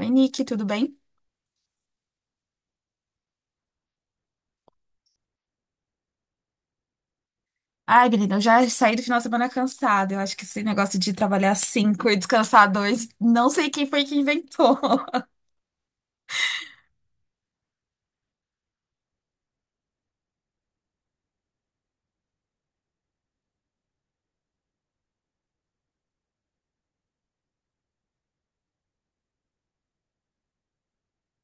Oi, Nick, tudo bem? Ai, menina, eu já saí do final de semana cansada. Eu acho que esse negócio de trabalhar cinco e descansar dois, não sei quem foi que inventou.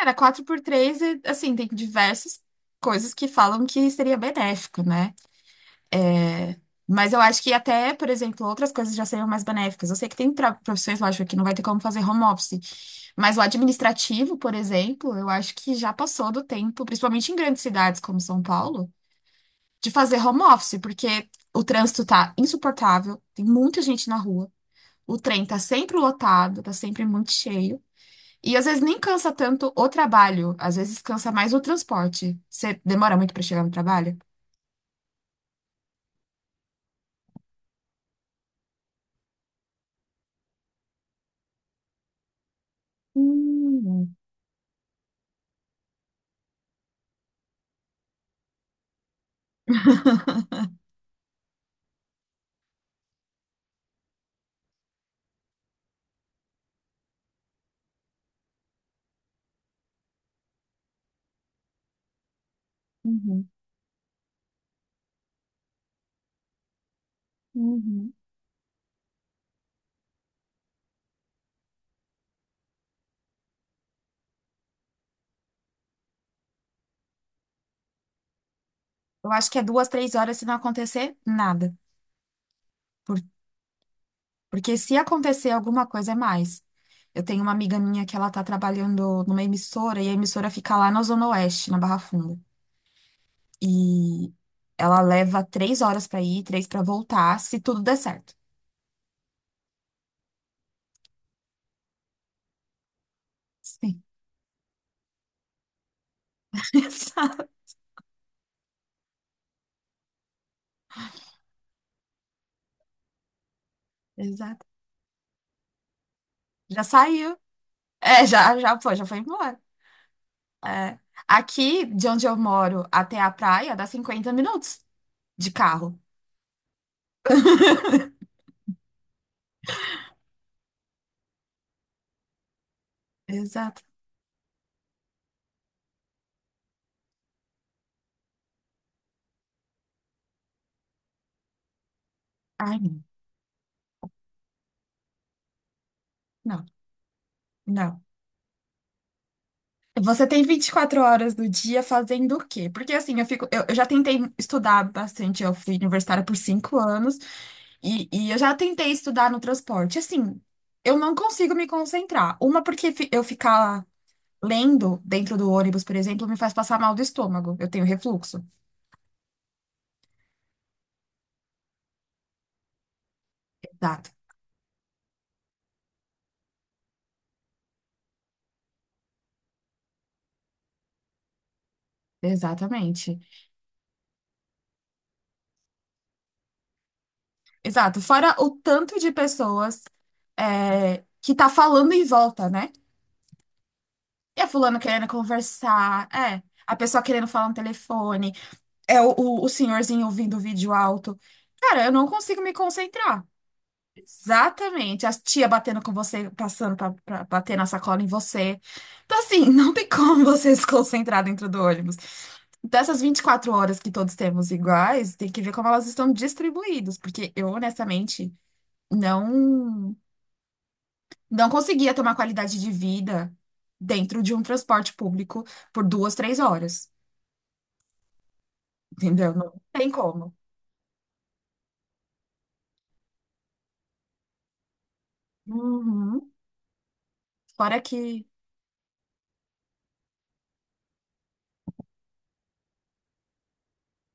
Era 4x3 e, assim, tem diversas coisas que falam que seria benéfico, né? É, Mas eu acho que até, por exemplo, outras coisas já seriam mais benéficas. Eu sei que tem profissões, lógico, que não vai ter como fazer home office. Mas o administrativo, por exemplo, eu acho que já passou do tempo, principalmente em grandes cidades como São Paulo, de fazer home office, porque o trânsito tá insuportável, tem muita gente na rua, o trem tá sempre lotado, tá sempre muito cheio. E às vezes nem cansa tanto o trabalho, às vezes cansa mais o transporte. Você demora muito pra chegar no trabalho? Hum, uhum, uhum. Eu acho que é duas, três horas se não acontecer nada. Por- Porque se acontecer alguma coisa é mais. Eu tenho uma amiga minha que ela tá trabalhando numa emissora e a emissora fica lá na Zona Oeste, na Barra Funda. E ela leva 3 horas pra ir, três pra voltar, se tudo der certo. Sim. Exato. Exato. Já saiu. É, já foi, já foi embora. É. Aqui, de onde eu moro até a praia, dá 50 minutos de carro. Exato. Ai, não, não. Não. Você tem 24 horas do dia fazendo o quê? Porque assim, eu já tentei estudar bastante, eu fui universitária por 5 anos, e eu já tentei estudar no transporte. Assim, eu não consigo me concentrar. Uma, porque eu ficar lendo dentro do ônibus, por exemplo, me faz passar mal do estômago. Eu tenho refluxo. Exato. Exatamente. Exato. Fora o tanto de pessoas que tá falando em volta, né? É fulano querendo conversar, A pessoa querendo falar no telefone, é o senhorzinho ouvindo o vídeo alto. Cara, eu não consigo me concentrar. Exatamente. A tia batendo com você, passando pra bater na sacola em você. Então, assim, não tem como você se concentrar dentro do ônibus. Dessas 4 horas que todos temos iguais, tem que ver como elas estão distribuídas, porque eu, honestamente, não, não conseguia tomar qualidade de vida dentro de um transporte público por duas, três horas. Entendeu? Não tem como. Uhum. Fora que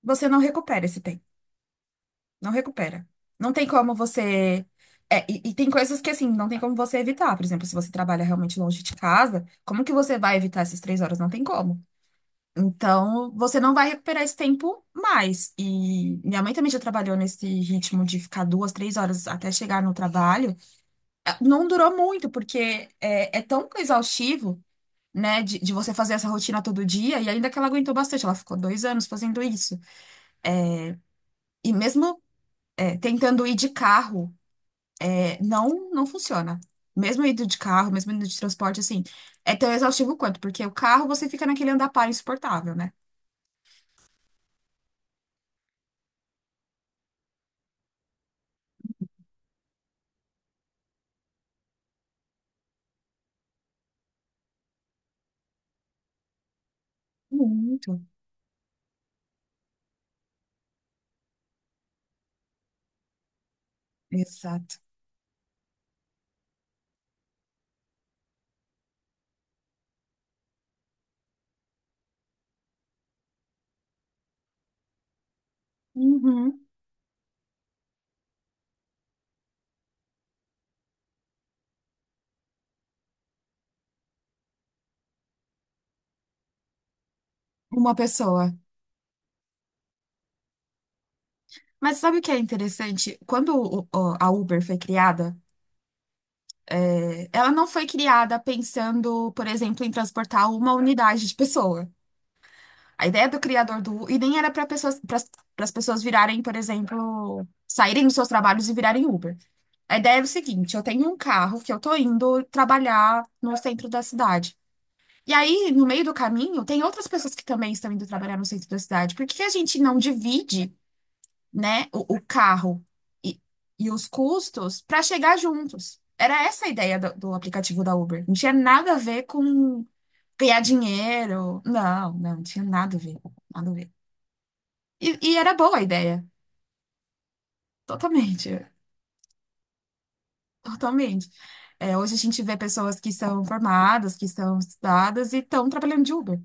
você não recupera esse tempo. Não recupera. Não tem como você. É, e tem coisas que, assim, não tem como você evitar. Por exemplo, se você trabalha realmente longe de casa, como que você vai evitar essas 3 horas? Não tem como. Então, você não vai recuperar esse tempo mais. E minha mãe também já trabalhou nesse ritmo de ficar duas, três horas até chegar no trabalho. Não durou muito, porque é tão exaustivo, né, de você fazer essa rotina todo dia. E ainda que ela aguentou bastante, ela ficou 2 anos fazendo isso. E mesmo tentando ir de carro. Não, não funciona. Mesmo indo de carro, mesmo indo de transporte, assim, é tão exaustivo quanto, porque o carro você fica naquele andar par insuportável, né? Muito. Exato. Uhum. Uma pessoa. Mas sabe o que é interessante? Quando a Uber foi criada, ela não foi criada pensando, por exemplo, em transportar uma unidade de pessoa. A ideia do criador do e nem era para pessoas, para as pessoas virarem, por exemplo, saírem dos seus trabalhos e virarem Uber. A ideia é o seguinte, eu tenho um carro que eu tô indo trabalhar no centro da cidade. E aí, no meio do caminho, tem outras pessoas que também estão indo trabalhar no centro da cidade. Por que que a gente não divide, né, o carro e, e os custos para chegar juntos? Era essa a ideia do aplicativo da Uber. Não tinha nada a ver com ganhar dinheiro. Não, tinha nada a ver. Nada a ver. E era boa a ideia, totalmente. Totalmente. É, hoje a gente vê pessoas que são formadas, que são estudadas e estão trabalhando de Uber.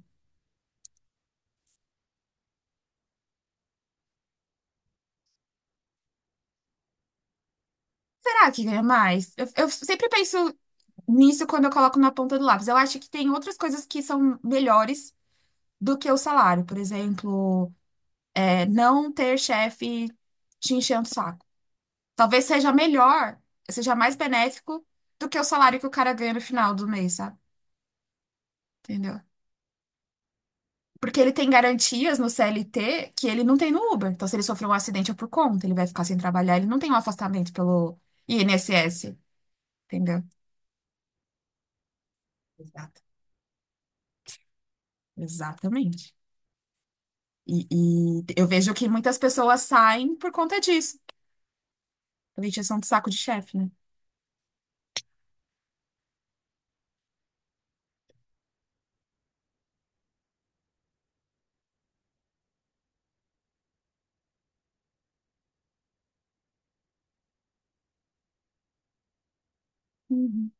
Será que ganha mais? Eu sempre penso nisso quando eu coloco na ponta do lápis. Eu acho que tem outras coisas que são melhores do que o salário. Por exemplo, não ter chefe te enchendo o saco. Talvez seja melhor, seja mais benéfico do que o salário que o cara ganha no final do mês, sabe? Entendeu? Porque ele tem garantias no CLT que ele não tem no Uber. Então, se ele sofrer um acidente é por conta, ele vai ficar sem trabalhar, ele não tem um afastamento pelo INSS, entendeu? Exato. Exatamente. E eu vejo que muitas pessoas saem por conta disso. A Vitiação de saco de chefe, né? Uhum.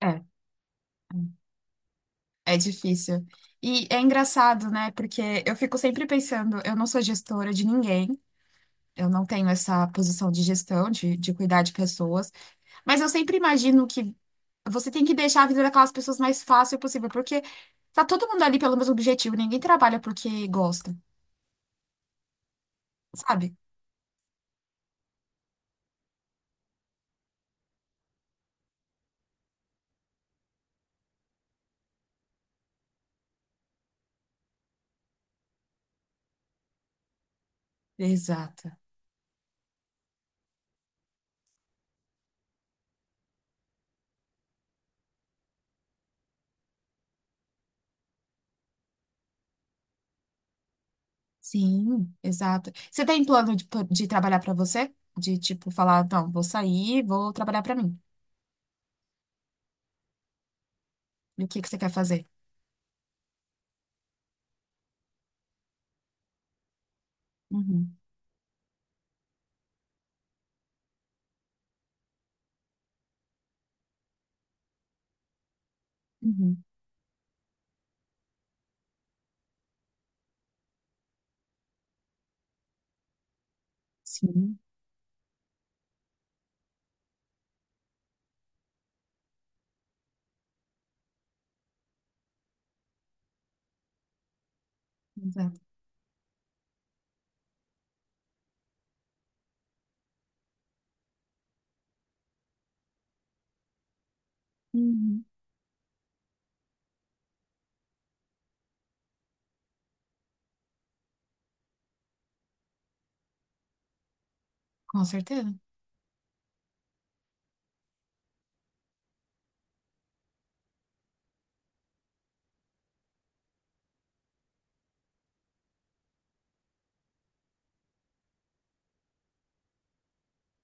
É. É difícil. E é engraçado, né? Porque eu fico sempre pensando, eu não sou gestora de ninguém, eu não tenho essa posição de gestão, de cuidar de pessoas, mas eu sempre imagino que você tem que deixar a vida daquelas pessoas mais fácil possível, porque tá todo mundo ali pelo mesmo objetivo, ninguém trabalha porque gosta, sabe? Exato. Sim, exato. Você tem plano de trabalhar pra você? De tipo falar, não, vou sair, vou trabalhar pra mim. E o que que você quer fazer? Uhum. Uhum. Sim, exato. Uhum. Com certeza.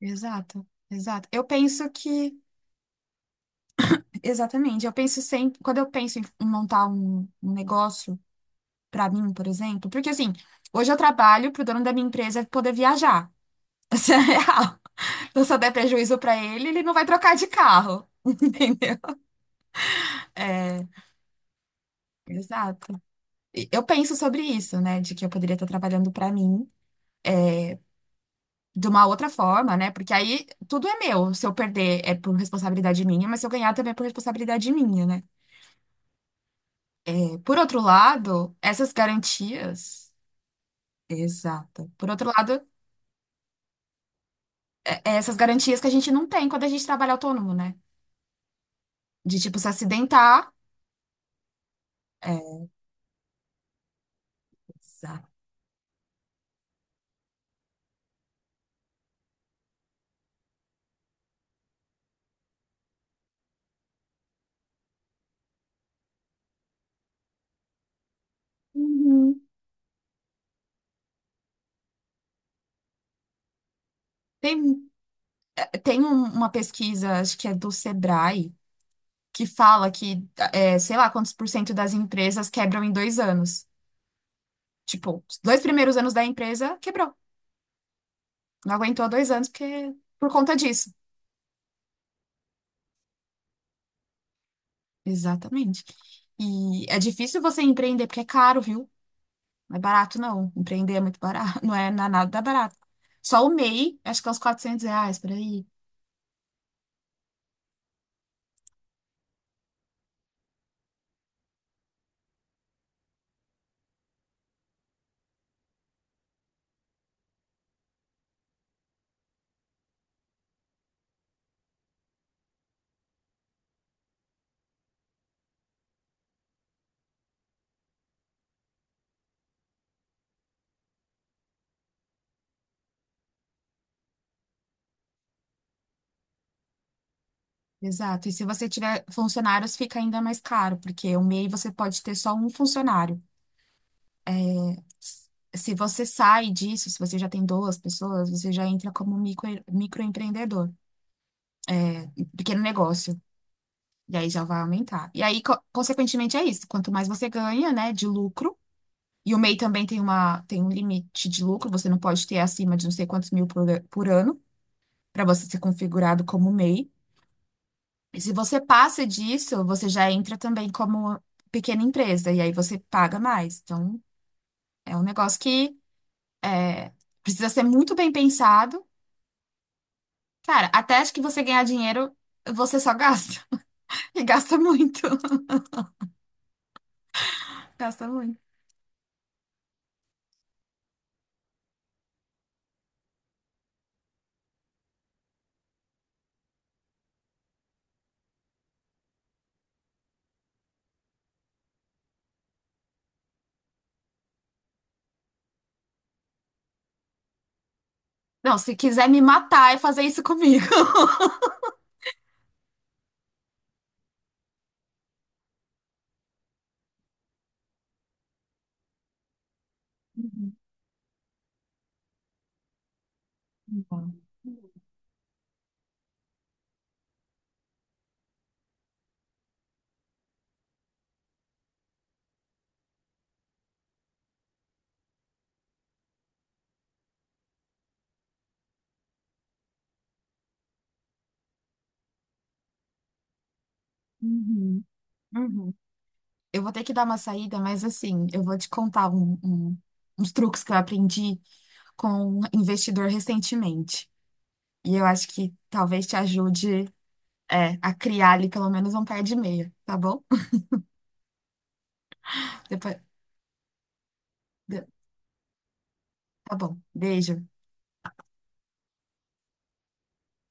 Exato, exato. Eu penso que, exatamente, eu penso sempre, quando eu penso em montar um negócio pra mim, por exemplo? Porque assim, hoje eu trabalho pro dono da minha empresa poder viajar. Isso é real. Então, se eu der prejuízo pra ele, ele não vai trocar de carro. Entendeu? É, exato. E eu penso sobre isso, né? De que eu poderia estar trabalhando pra mim de uma outra forma, né? Porque aí tudo é meu. Se eu perder é por responsabilidade minha, mas se eu ganhar também é por responsabilidade minha, né? Por outro lado, essas garantias. Exato. Por outro lado, essas garantias que a gente não tem quando a gente trabalha autônomo, né? De tipo se acidentar. É. Exato. Uhum. Tem, tem uma pesquisa, acho que é do Sebrae, que fala que, é, sei lá, quantos por cento das empresas quebram em 2 anos. Tipo, os dois primeiros anos da empresa quebrou. Não aguentou 2 anos porque, por conta disso. Exatamente. E é difícil você empreender porque é caro, viu? Não é barato, não. Empreender é muito barato. Não é nada barato. Só o MEI, acho que é uns R$ 400 por aí. Exato. E se você tiver funcionários, fica ainda mais caro, porque o MEI você pode ter só um funcionário. S- Se você sai disso, se você já tem duas pessoas, você já entra como micro, microempreendedor, pequeno negócio. E aí já vai aumentar. E aí, consequentemente, é isso. Quanto mais você ganha, né, de lucro, e o MEI também tem um limite de lucro, você não pode ter acima de não sei quantos mil por ano, para você ser configurado como MEI. E se você passa disso, você já entra também como pequena empresa, e aí você paga mais. Então, é um negócio que é, precisa ser muito bem pensado. Cara, até acho que você ganhar dinheiro, você só gasta. E gasta muito. Gasta muito. Não, se quiser me matar, é fazer isso comigo. Uhum, uhum. Eu vou ter que dar uma saída, mas assim, eu vou te contar uns truques que eu aprendi com um investidor recentemente. E eu acho que talvez te ajude a criar ali pelo menos um par de meia, tá bom? Depois, de- tá bom. Beijo.